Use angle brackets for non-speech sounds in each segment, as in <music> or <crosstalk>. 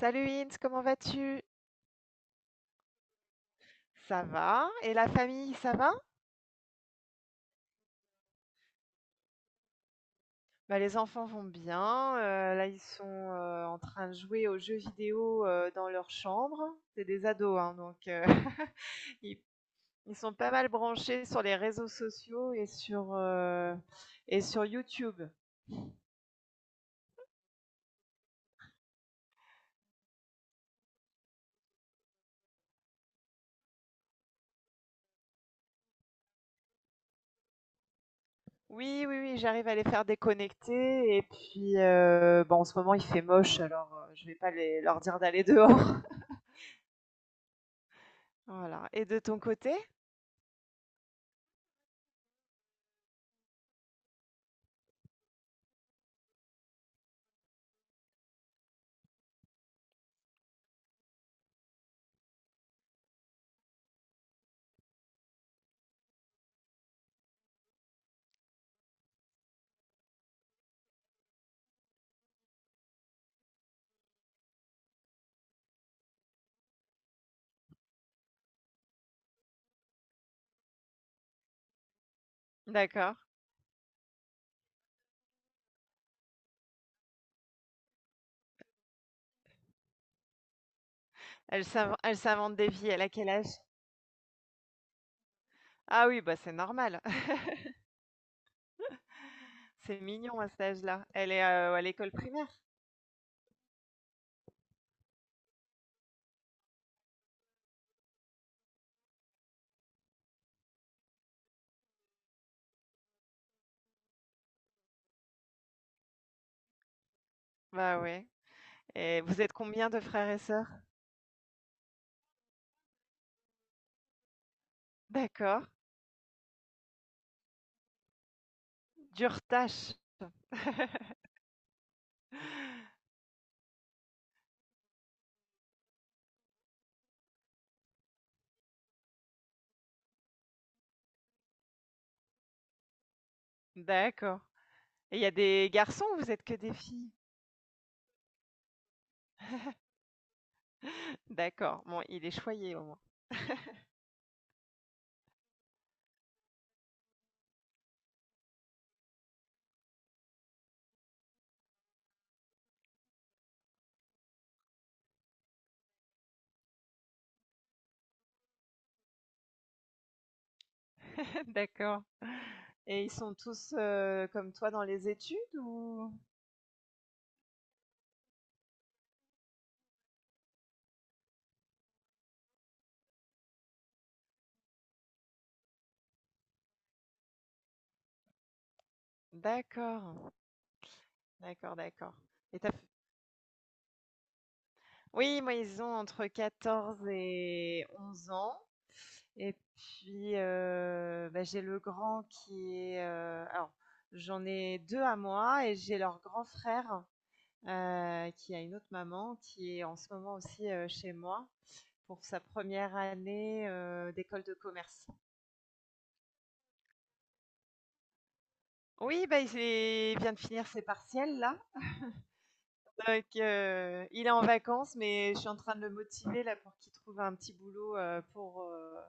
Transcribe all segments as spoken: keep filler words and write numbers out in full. Salut Ins, comment vas-tu? Ça va? Et la famille, ça va? Bah, les enfants vont bien. Euh, là, ils sont euh, en train de jouer aux jeux vidéo euh, dans leur chambre. C'est des ados, hein, donc euh, <laughs> ils, ils sont pas mal branchés sur les réseaux sociaux et sur, euh, et sur YouTube. Oui, oui, oui, j'arrive à les faire déconnecter. Et puis, euh, bon, en ce moment, il fait moche, alors euh, je vais pas les- leur dire d'aller dehors. <laughs> Voilà. Et de ton côté? D'accord. Elle s'inven elle s'invente des vies, elle a quel âge? Ah oui, bah c'est normal. <laughs> C'est mignon à cet âge-là. Elle est, heu, à l'école primaire? Bah ouais, et vous êtes combien de frères et sœurs? D'accord. Dure tâche. <laughs> D'accord, et il y a des garçons ou vous êtes que des filles? D'accord, bon il est choyé au moins. <laughs> D'accord, et ils sont tous, heu, comme toi dans les études ou? D'accord. D'accord, d'accord. Et t'as oui, moi, ils ont entre quatorze et onze ans. Et puis, heu, bah, j'ai le grand qui est, heu alors, j'en ai deux à moi et j'ai leur grand frère, heu, qui a une autre maman, qui est en ce moment aussi, heu, chez moi pour sa première année, heu, d'école de commerce. Oui, bah, il s'est il vient de finir ses partiels là. Donc, euh, il est en vacances, mais je suis en train de le motiver là pour qu'il trouve un petit boulot euh, pour, euh,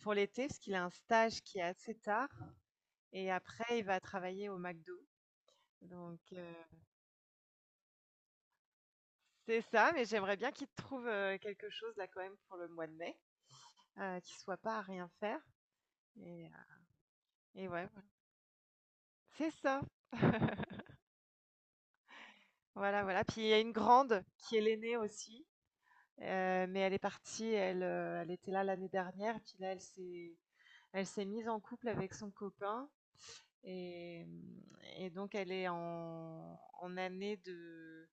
pour l'été, parce qu'il a un stage qui est assez tard. Et après, il va travailler au McDo. Donc, euh, c'est ça, mais j'aimerais bien qu'il trouve euh, quelque chose là quand même pour le mois de mai, euh, qu'il soit pas à rien faire. Et, euh, et ouais, voilà. C'est ça. Voilà, voilà. Puis il y a une grande qui est l'aînée aussi. Heu, mais elle est partie, elle, heu, elle était là l'année dernière, puis là, elle s'est elle s'est mise en couple avec son copain et mmh et donc elle est en en année de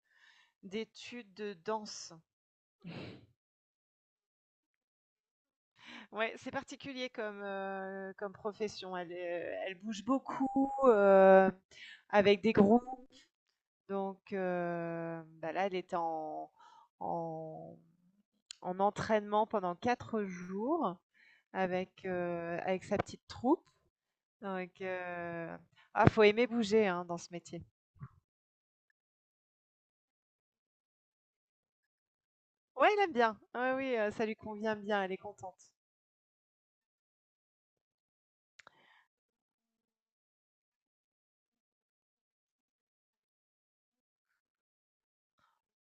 d'études de danse. Ouais, c'est particulier comme, heu, comme profession. Elle est, elle bouge beaucoup, heu, avec des groupes, donc heu, bah, là, elle était en en en entraînement pendant quatre jours. Avec, heu, avec sa petite troupe, donc heu, ah, faut aimer bouger, hein, dans ce métier. Ouais, il aime bien. Ouais, oui, heu, ça lui convient bien, elle est contente.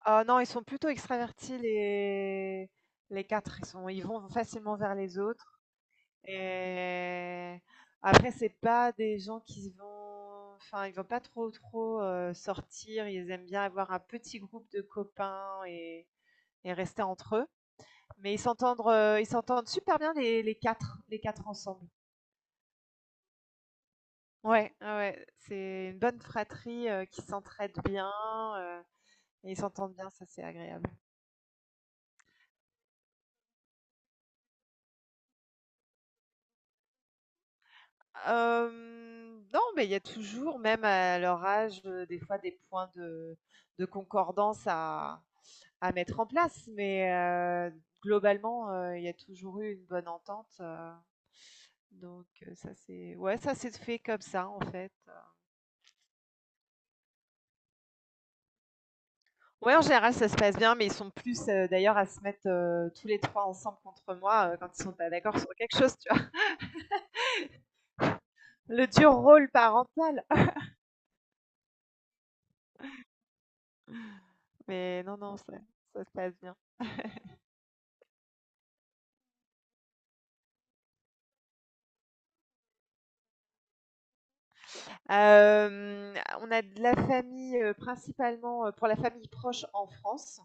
Ah non, ils sont plutôt extravertis les les quatre. Ils sont ils vont facilement vers les autres, et après c'est pas des gens qui vont, enfin, ils vont pas trop, trop, heu, sortir. Ils aiment bien avoir un petit groupe de copains et et rester entre eux, mais ils s'entendent, heu, ils s'entendent super bien les les quatre, les quatre ensemble. Ouais, ouais, ouais, c'est une bonne fratrie, heu, qui s'entraide bien, heu et ils s'entendent bien, ça c'est agréable. Hem, non, mais il y a toujours, même à leur âge, heu, des fois des points de de concordance à à mettre en place, mais heu, globalement, heu, il y a toujours eu une bonne entente, heu, donc heu, ça c'est, ouais, ça c'est fait comme ça, en fait. Ouais, en général, ça se passe bien, mais ils sont plus, heu, d'ailleurs à se mettre, heu, tous les trois ensemble contre moi, heu, quand ils sont pas d'accord sur quelque chose. Le dur rôle parental. Mais non, non, ça, ça se passe bien. Hem, on a de la famille, heu, principalement, heu, pour la famille proche en France.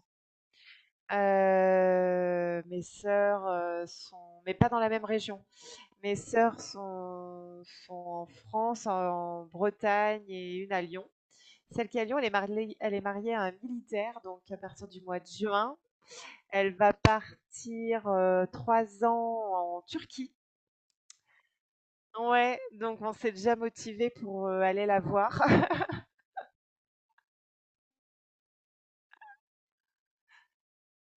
Heu, mes sœurs, heu, sont mais pas dans la même région. Mes sœurs sont sont en France, en en Bretagne et une à Lyon. Celle qui est à Lyon, elle est mariée elle est mariée à un militaire, donc à partir du mois de juin, elle va partir, heu, 3 ans en Turquie. Ouais, donc on s'est déjà motivé pour, heu, aller la voir. <laughs>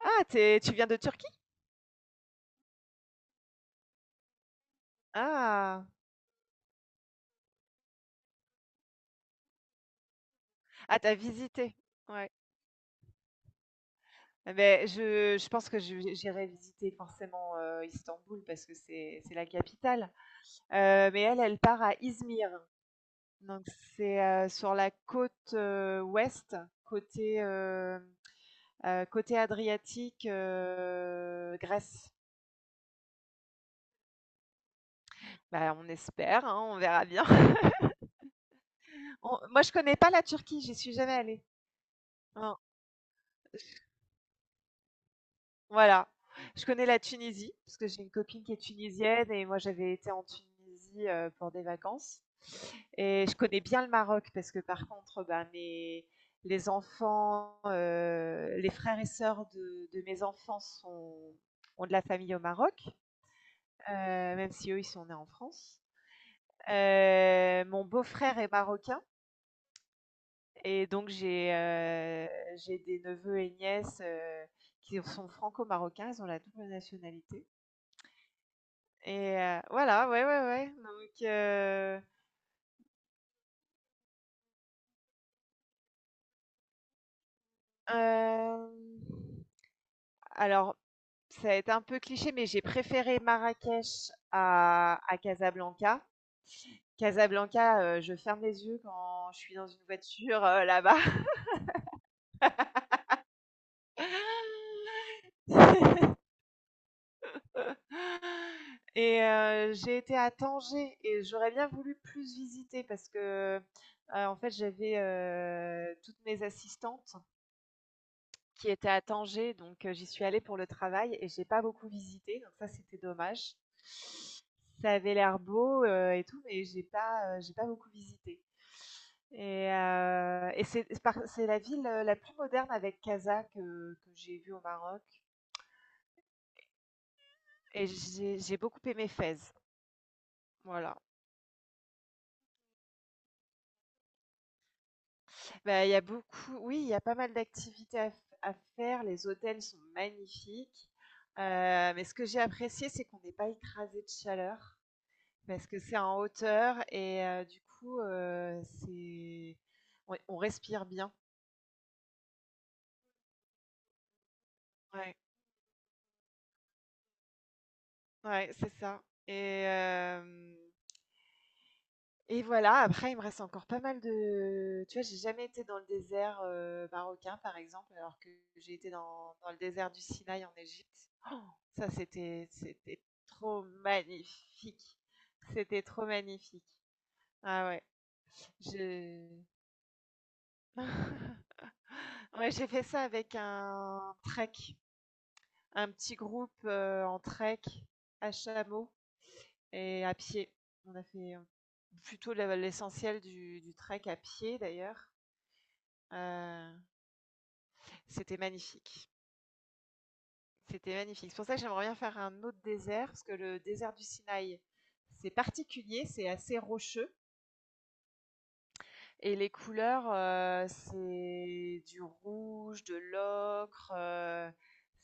Ah, tu tu viens de Turquie? Ah! Ah, t'as visité? Ouais. Ah beh, je je pense que je j'irai visiter forcément, heu, Istanbul parce que c'est c'est la capitale, heu, mais elle, elle part à Izmir, donc c'est, heu, sur la côte, heu, ouest, côté, hem, heu, côté Adriatique, heu, Grèce. Bah, on espère, hein, on verra bien. <laughs> On Moi, je connais pas la Turquie, j'y suis jamais allée. Non. Voilà. Je connais la Tunisie, parce que j'ai une copine qui est tunisienne et moi j'avais été en Tunisie, heu, pour des vacances, et je connais bien le Maroc parce que par contre, bah, mes les enfants, heu, les frères et sœurs de de mes enfants sont ont de la famille au Maroc, heu, même si eux, ils sont nés en France. Heu, mon beau-frère est marocain, et donc j'ai, heu, j'ai des neveux et nièces, heu, qui sont franco-marocains, ils ont la double nationalité. Et heu, voilà, ouais, ouais, ouais, donc heu, hem, alors ça va être un peu cliché, mais j'ai préféré Marrakech à à Casablanca. Casablanca, heu, je ferme les yeux quand je suis dans une voiture, heu, là-bas. <laughs> Et heu, j'ai été à Tanger et j'aurais bien voulu plus visiter parce que, heu, en fait, j'avais, heu, toutes mes assistantes qui était à Tanger, donc euh, j'y suis allée pour le travail et j'ai pas beaucoup visité, donc ça c'était dommage. Ça avait l'air beau euh, et tout, mais j'ai pas, euh, j'ai pas beaucoup visité. Et, euh, et c'est c'est par- c'est la ville euh, la plus moderne avec Casa que, que j'ai vue au Maroc. Et j'ai j'ai beaucoup aimé Fès. Voilà. Bah, il y a beaucoup, oui, il y a pas mal d'activités à, f- à faire. Les hôtels sont magnifiques. Euh, mais ce que j'ai apprécié, c'est qu'on n'est pas écrasé de chaleur. Parce que c'est en hauteur et heu, du coup, heu, c'est on on respire bien. Ouais, ouais, c'est ça, et hem et voilà, après il me reste encore pas mal de, tu vois, j'ai jamais été dans le désert, heu, marocain, par exemple, alors que j'ai été dans dans le désert du Sinaï en Égypte. Ça, c'était c'était trop magnifique. C'était trop magnifique. Ah ouais, je <laughs> ouais, j'ai fait ça avec un trek. Un petit groupe euh, en trek à chameau et à pied. On a fait euh, plutôt l'essentiel du, du trek à pied d'ailleurs. Euh, C'était magnifique. C'était magnifique. C'est pour ça que j'aimerais bien faire un autre désert, parce que le désert du Sinaï, c'est particulier, c'est assez rocheux. Et les couleurs, euh, c'est du rouge, de l'ocre. euh,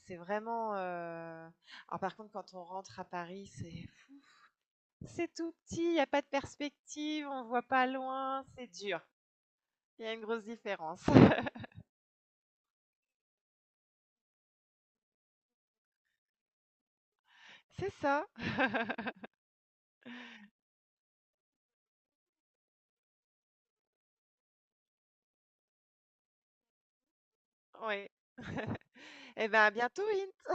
C'est vraiment. euh, Alors par contre, quand on rentre à Paris, c'est. C'est tout petit, il y a pas de perspective, on ne voit pas loin, c'est dur. Il y a une grosse différence. <laughs> C'est ça. Oui. <laughs> Et ben, à bientôt, Lynn.